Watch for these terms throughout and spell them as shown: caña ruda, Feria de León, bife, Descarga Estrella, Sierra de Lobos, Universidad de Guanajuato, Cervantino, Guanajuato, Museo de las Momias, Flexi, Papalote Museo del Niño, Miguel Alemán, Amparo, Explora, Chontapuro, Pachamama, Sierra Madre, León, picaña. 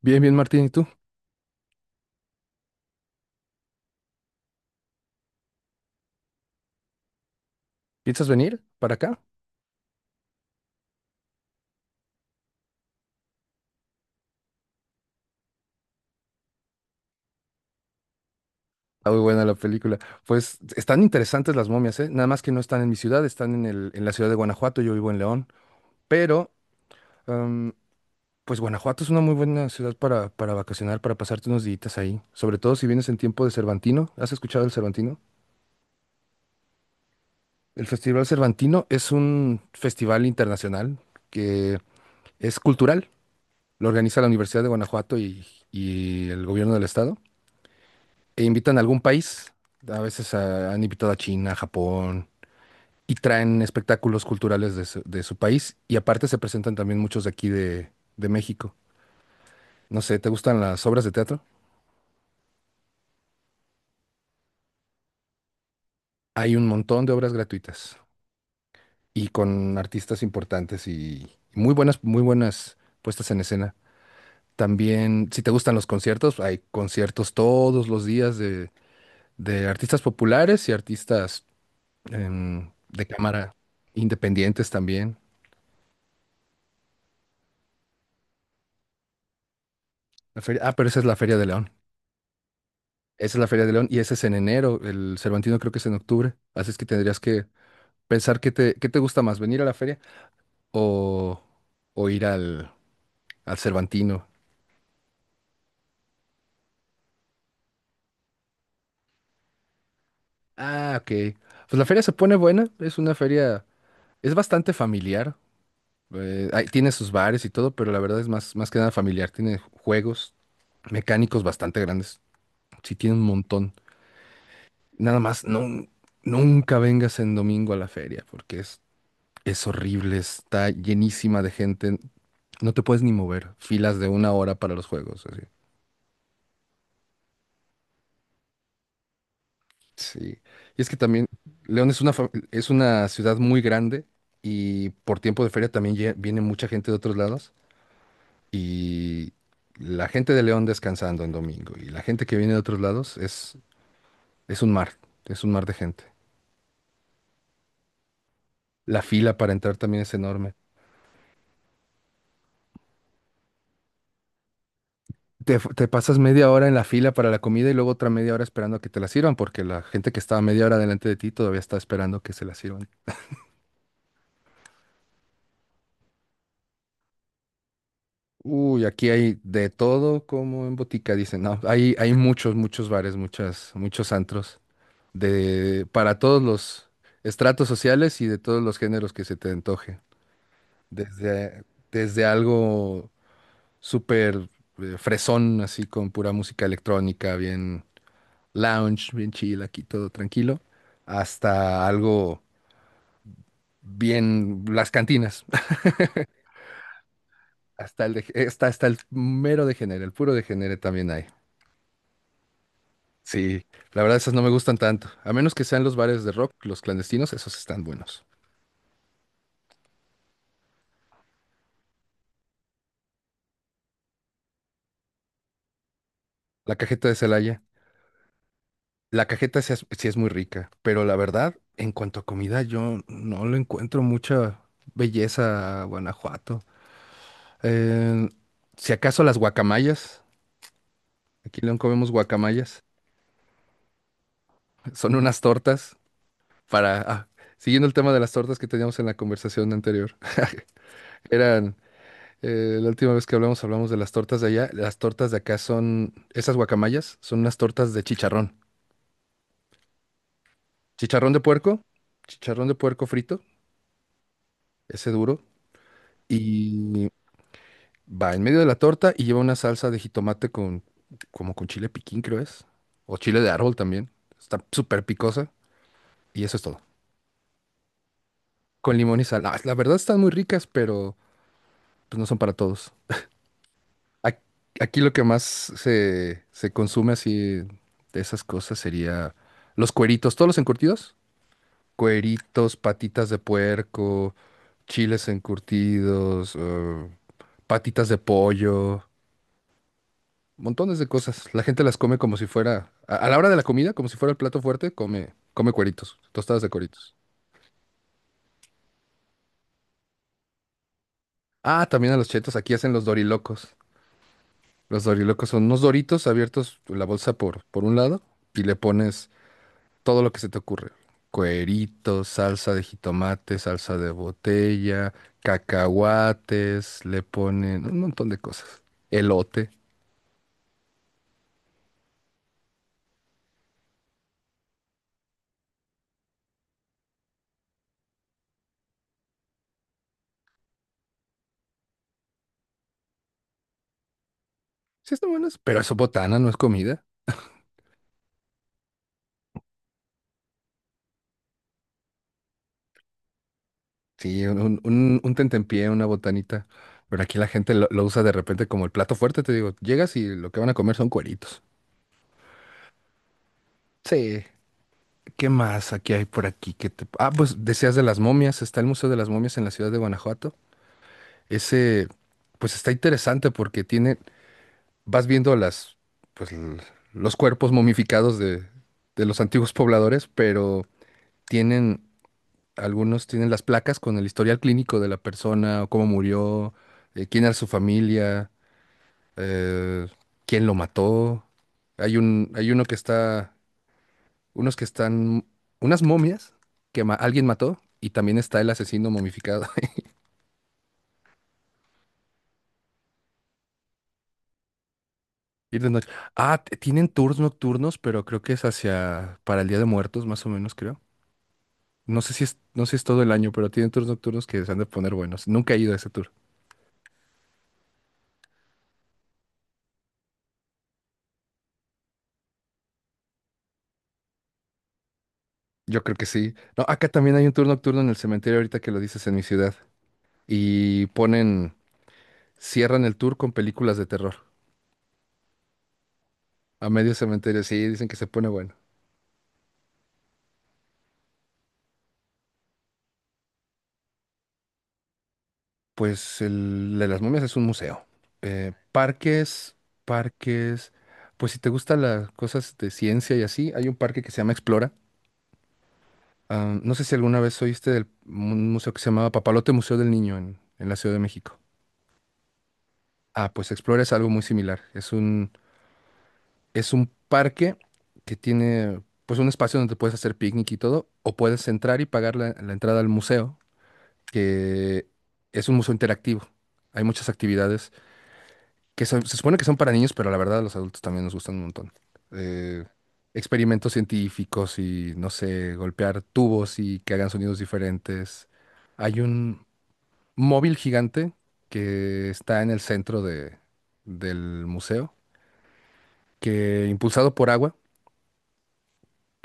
Bien, bien, Martín, ¿y tú? ¿Piensas venir para acá? Está muy buena la película. Pues están interesantes las momias, ¿eh? Nada más que no están en mi ciudad, están en la ciudad de Guanajuato, yo vivo en León, pero em, pues Guanajuato es una muy buena ciudad para vacacionar, para pasarte unos días ahí, sobre todo si vienes en tiempo de Cervantino. ¿Has escuchado el Cervantino? El Festival Cervantino es un festival internacional que es cultural, lo organiza la Universidad de Guanajuato y el gobierno del estado. E invitan a algún país, a veces han invitado a China, Japón, y traen espectáculos culturales de su país, y aparte se presentan también muchos de aquí de México. No sé, ¿te gustan las obras de teatro? Hay un montón de obras gratuitas y con artistas importantes y muy buenas puestas en escena. También, si te gustan los conciertos, hay conciertos todos los días de artistas populares y artistas de cámara independientes también. La feria, ah, pero esa es la Feria de León. Esa es la Feria de León y ese es en enero. El Cervantino creo que es en octubre. Así es que tendrías que pensar qué te gusta más, venir a la feria o, o ir al Cervantino. Ah, ok. Pues la feria se pone buena. Es una feria, es bastante familiar. Ahí tiene sus bares y todo, pero la verdad es más, más que nada familiar. Tiene juegos mecánicos bastante grandes. Sí, tiene un montón. Nada más, no, nunca vengas en domingo a la feria porque es horrible, está llenísima de gente. No te puedes ni mover. Filas de una hora para los juegos. Así. Sí. Y es que también León es una ciudad muy grande y por tiempo de feria también viene mucha gente de otros lados. Y la gente de León descansando en domingo y la gente que viene de otros lados es un mar, es un mar de gente. La fila para entrar también es enorme. Te pasas media hora en la fila para la comida y luego otra media hora esperando a que te la sirvan, porque la gente que estaba media hora delante de ti todavía está esperando que se la sirvan. Uy, aquí hay de todo como en botica, dicen. No, hay muchos bares, muchos antros, para todos los estratos sociales y de todos los géneros que se te antoje. Desde, desde algo súper fresón, así con pura música electrónica, bien lounge, bien chill, aquí todo tranquilo, hasta algo bien, las cantinas, hasta el mero degenere, el puro degenere también hay. Sí, la verdad esas no me gustan tanto, a menos que sean los bares de rock, los clandestinos, esos están buenos. La cajeta de Celaya, la cajeta sí es muy rica, pero la verdad, en cuanto a comida, yo no le encuentro mucha belleza a Guanajuato. Eh, si acaso las guacamayas, aquí en León comemos guacamayas, son unas tortas para, ah, siguiendo el tema de las tortas que teníamos en la conversación anterior, eran, la última vez que hablamos, hablamos de las tortas de allá, las tortas de acá son, esas guacamayas, son unas tortas de chicharrón, chicharrón de puerco, chicharrón de puerco frito, ese duro, y va en medio de la torta y lleva una salsa de jitomate como con chile piquín, creo es, o chile de árbol también, está súper picosa, y eso es todo, con limón y sal. Ah, la verdad están muy ricas, pero pues no son para todos. Ac- Aquí lo que más se consume así de esas cosas sería los cueritos, todos los encurtidos. Cueritos, patitas de puerco, chiles encurtidos, patitas de pollo, montones de cosas. La gente las come como si fuera, a la hora de la comida, como si fuera el plato fuerte, come, come cueritos, tostadas de cueritos. Ah, también a los chetos, aquí hacen los dorilocos. Los dorilocos son unos doritos abiertos, la bolsa por un lado, y le pones todo lo que se te ocurre. Cueritos, salsa de jitomate, salsa de botella, cacahuates, le ponen un montón de cosas. Elote. Sí, están buenas, pero eso es botana, no es comida. Sí, un tentempié, una botanita. Pero aquí la gente lo usa de repente como el plato fuerte, te digo. Llegas y lo que van a comer son cueritos. Sí. ¿Qué más aquí hay por aquí? Ah, pues decías de las momias. Está el Museo de las Momias en la ciudad de Guanajuato. Ese, pues está interesante porque tiene vas viendo pues, l- los cuerpos momificados de los antiguos pobladores, pero tienen, algunos tienen las placas con el historial clínico de la persona, o cómo murió, quién era su familia, eh, quién lo mató. Hay uno que está, unos que están, unas momias que alguien mató. Y también está el asesino momificado. Ir de noche. Ah, tienen tours nocturnos, pero creo que es hacia para el Día de Muertos, más o menos, creo. No sé si es todo el año, pero tienen tours nocturnos que se han de poner buenos. Nunca he ido a ese tour. Yo creo que sí. No, acá también hay un tour nocturno en el cementerio, ahorita que lo dices en mi ciudad. Y cierran el tour con películas de terror. A medio cementerio, sí, dicen que se pone bueno. Pues el de las momias es un museo. Parques, parques. Pues si te gustan las cosas de ciencia y así, hay un parque que se llama Explora. Ah, no sé si alguna vez oíste del un museo que se llamaba Papalote Museo del Niño en la Ciudad de México. Ah, pues Explora es algo muy similar. Es un parque que tiene pues un espacio donde puedes hacer picnic y todo, o puedes entrar y pagar la entrada al museo, que es un museo interactivo. Hay muchas actividades que se supone que son para niños, pero la verdad a los adultos también nos gustan un montón. Eh, experimentos científicos y, no sé, golpear tubos y que hagan sonidos diferentes. Hay un móvil gigante que está en el centro del museo que impulsado por agua,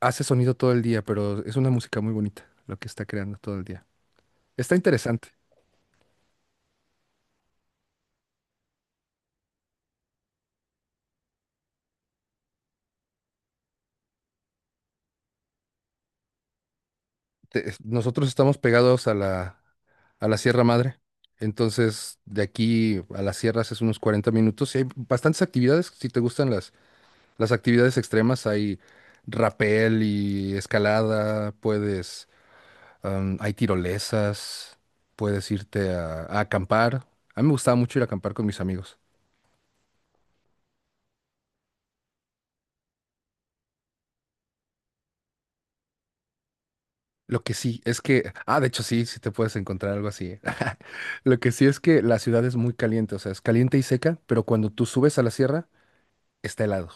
hace sonido todo el día, pero es una música muy bonita lo que está creando todo el día. Está interesante. Nosotros estamos pegados a la Sierra Madre, entonces de aquí a las sierras es unos 40 minutos y hay bastantes actividades. Si te gustan las actividades extremas, hay rapel y escalada, hay tirolesas, puedes irte a acampar. A mí me gustaba mucho ir a acampar con mis amigos. Lo que sí es que, de hecho sí, sí te puedes encontrar algo así. ¿Eh? Lo que sí es que la ciudad es muy caliente, o sea, es caliente y seca, pero cuando tú subes a la sierra, está helado.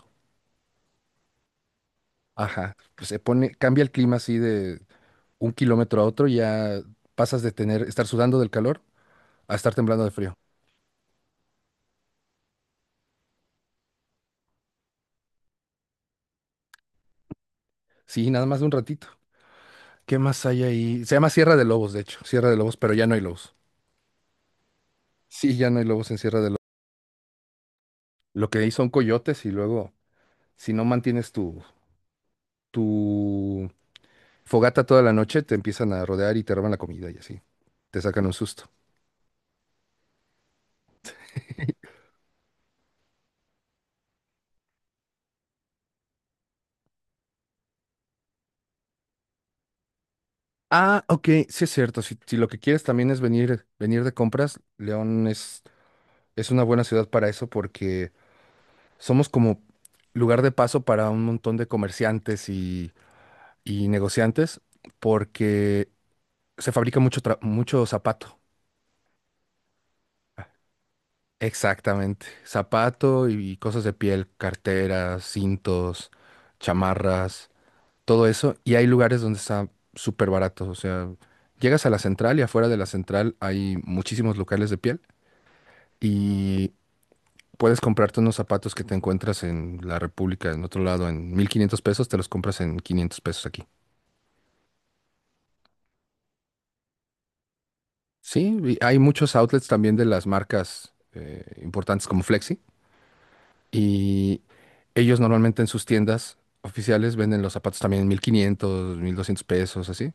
Ajá, pues cambia el clima así de un kilómetro a otro, ya pasas estar sudando del calor a estar temblando de frío. Sí, nada más de un ratito. ¿Qué más hay ahí? Se llama Sierra de Lobos, de hecho, Sierra de Lobos, pero ya no hay lobos. Sí, ya no hay lobos en Sierra de Lobos. Lo que hay son coyotes y luego, si no mantienes tu fogata toda la noche, te empiezan a rodear y te roban la comida y así. Te sacan un susto. Ah, ok, sí es cierto. Si lo que quieres también es venir de compras, León es una buena ciudad para eso porque somos como lugar de paso para un montón de comerciantes y negociantes porque se fabrica mucho zapato. Exactamente. Zapato y cosas de piel, carteras, cintos, chamarras, todo eso, y hay lugares donde está súper barato, o sea, llegas a la central y afuera de la central hay muchísimos locales de piel y puedes comprarte unos zapatos que te encuentras en la República, en otro lado, en 1,500 pesos, te los compras en 500 pesos aquí. Sí, y hay muchos outlets también de las marcas importantes como Flexi y ellos normalmente en sus tiendas oficiales venden los zapatos también en 1,500, 1,200 pesos, así.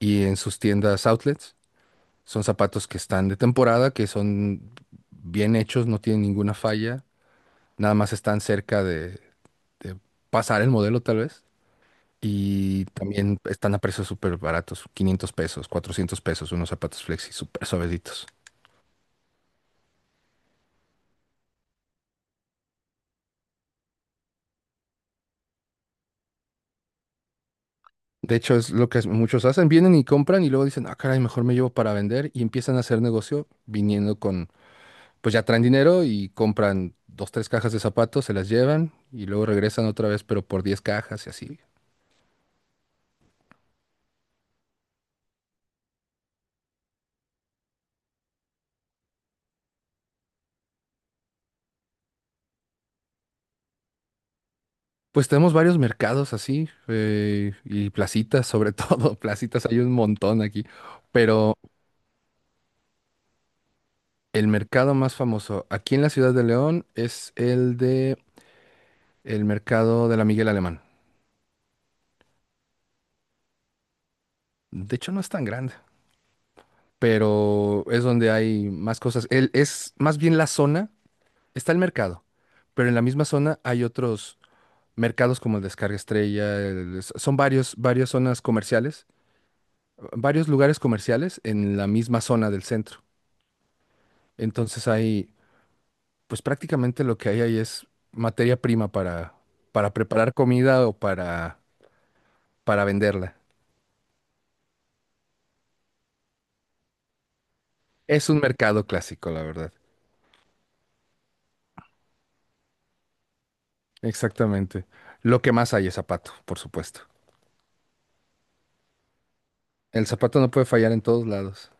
Y en sus tiendas outlets. Son zapatos que están de temporada, que son bien hechos, no tienen ninguna falla, nada más están cerca de pasar el modelo tal vez. Y también están a precios súper baratos, 500 pesos, 400 pesos, unos zapatos flexi súper suavecitos. De hecho, es lo que muchos hacen, vienen y compran y luego dicen, ah, caray, mejor me llevo para vender y empiezan a hacer negocio viniendo pues ya traen dinero y compran dos, tres cajas de zapatos, se las llevan y luego regresan otra vez, pero por 10 cajas y así. Pues tenemos varios mercados así y placitas, sobre todo, placitas hay un montón aquí, pero el mercado más famoso aquí en la ciudad de León es el mercado de la Miguel Alemán. De hecho no es tan grande, pero es donde hay más cosas. Es más bien la zona, está el mercado, pero en la misma zona hay otros mercados como el Descarga Estrella, son varias zonas comerciales, varios lugares comerciales en la misma zona del centro. Entonces hay, pues prácticamente lo que hay ahí es materia prima para preparar comida o para venderla. Es un mercado clásico, la verdad. Exactamente. Lo que más hay es zapato, por supuesto. El zapato no puede fallar en todos lados.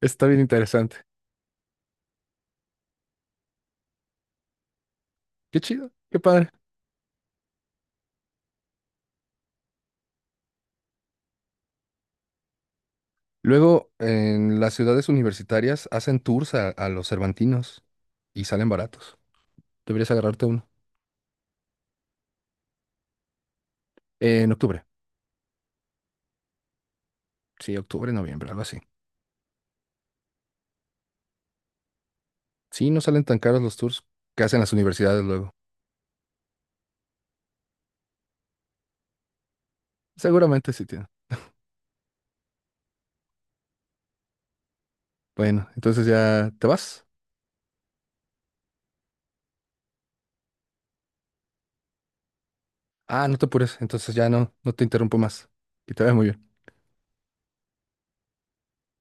Está bien interesante. Qué chido, qué padre. Luego, en las ciudades universitarias hacen tours a los cervantinos y salen baratos. Deberías agarrarte uno. En octubre. Sí, octubre, noviembre, algo así. Sí, no salen tan caros los tours que hacen las universidades luego. Seguramente sí tienen. Bueno, entonces ya te vas. Ah, no te apures, entonces ya no, no te interrumpo más. Que te vaya muy bien.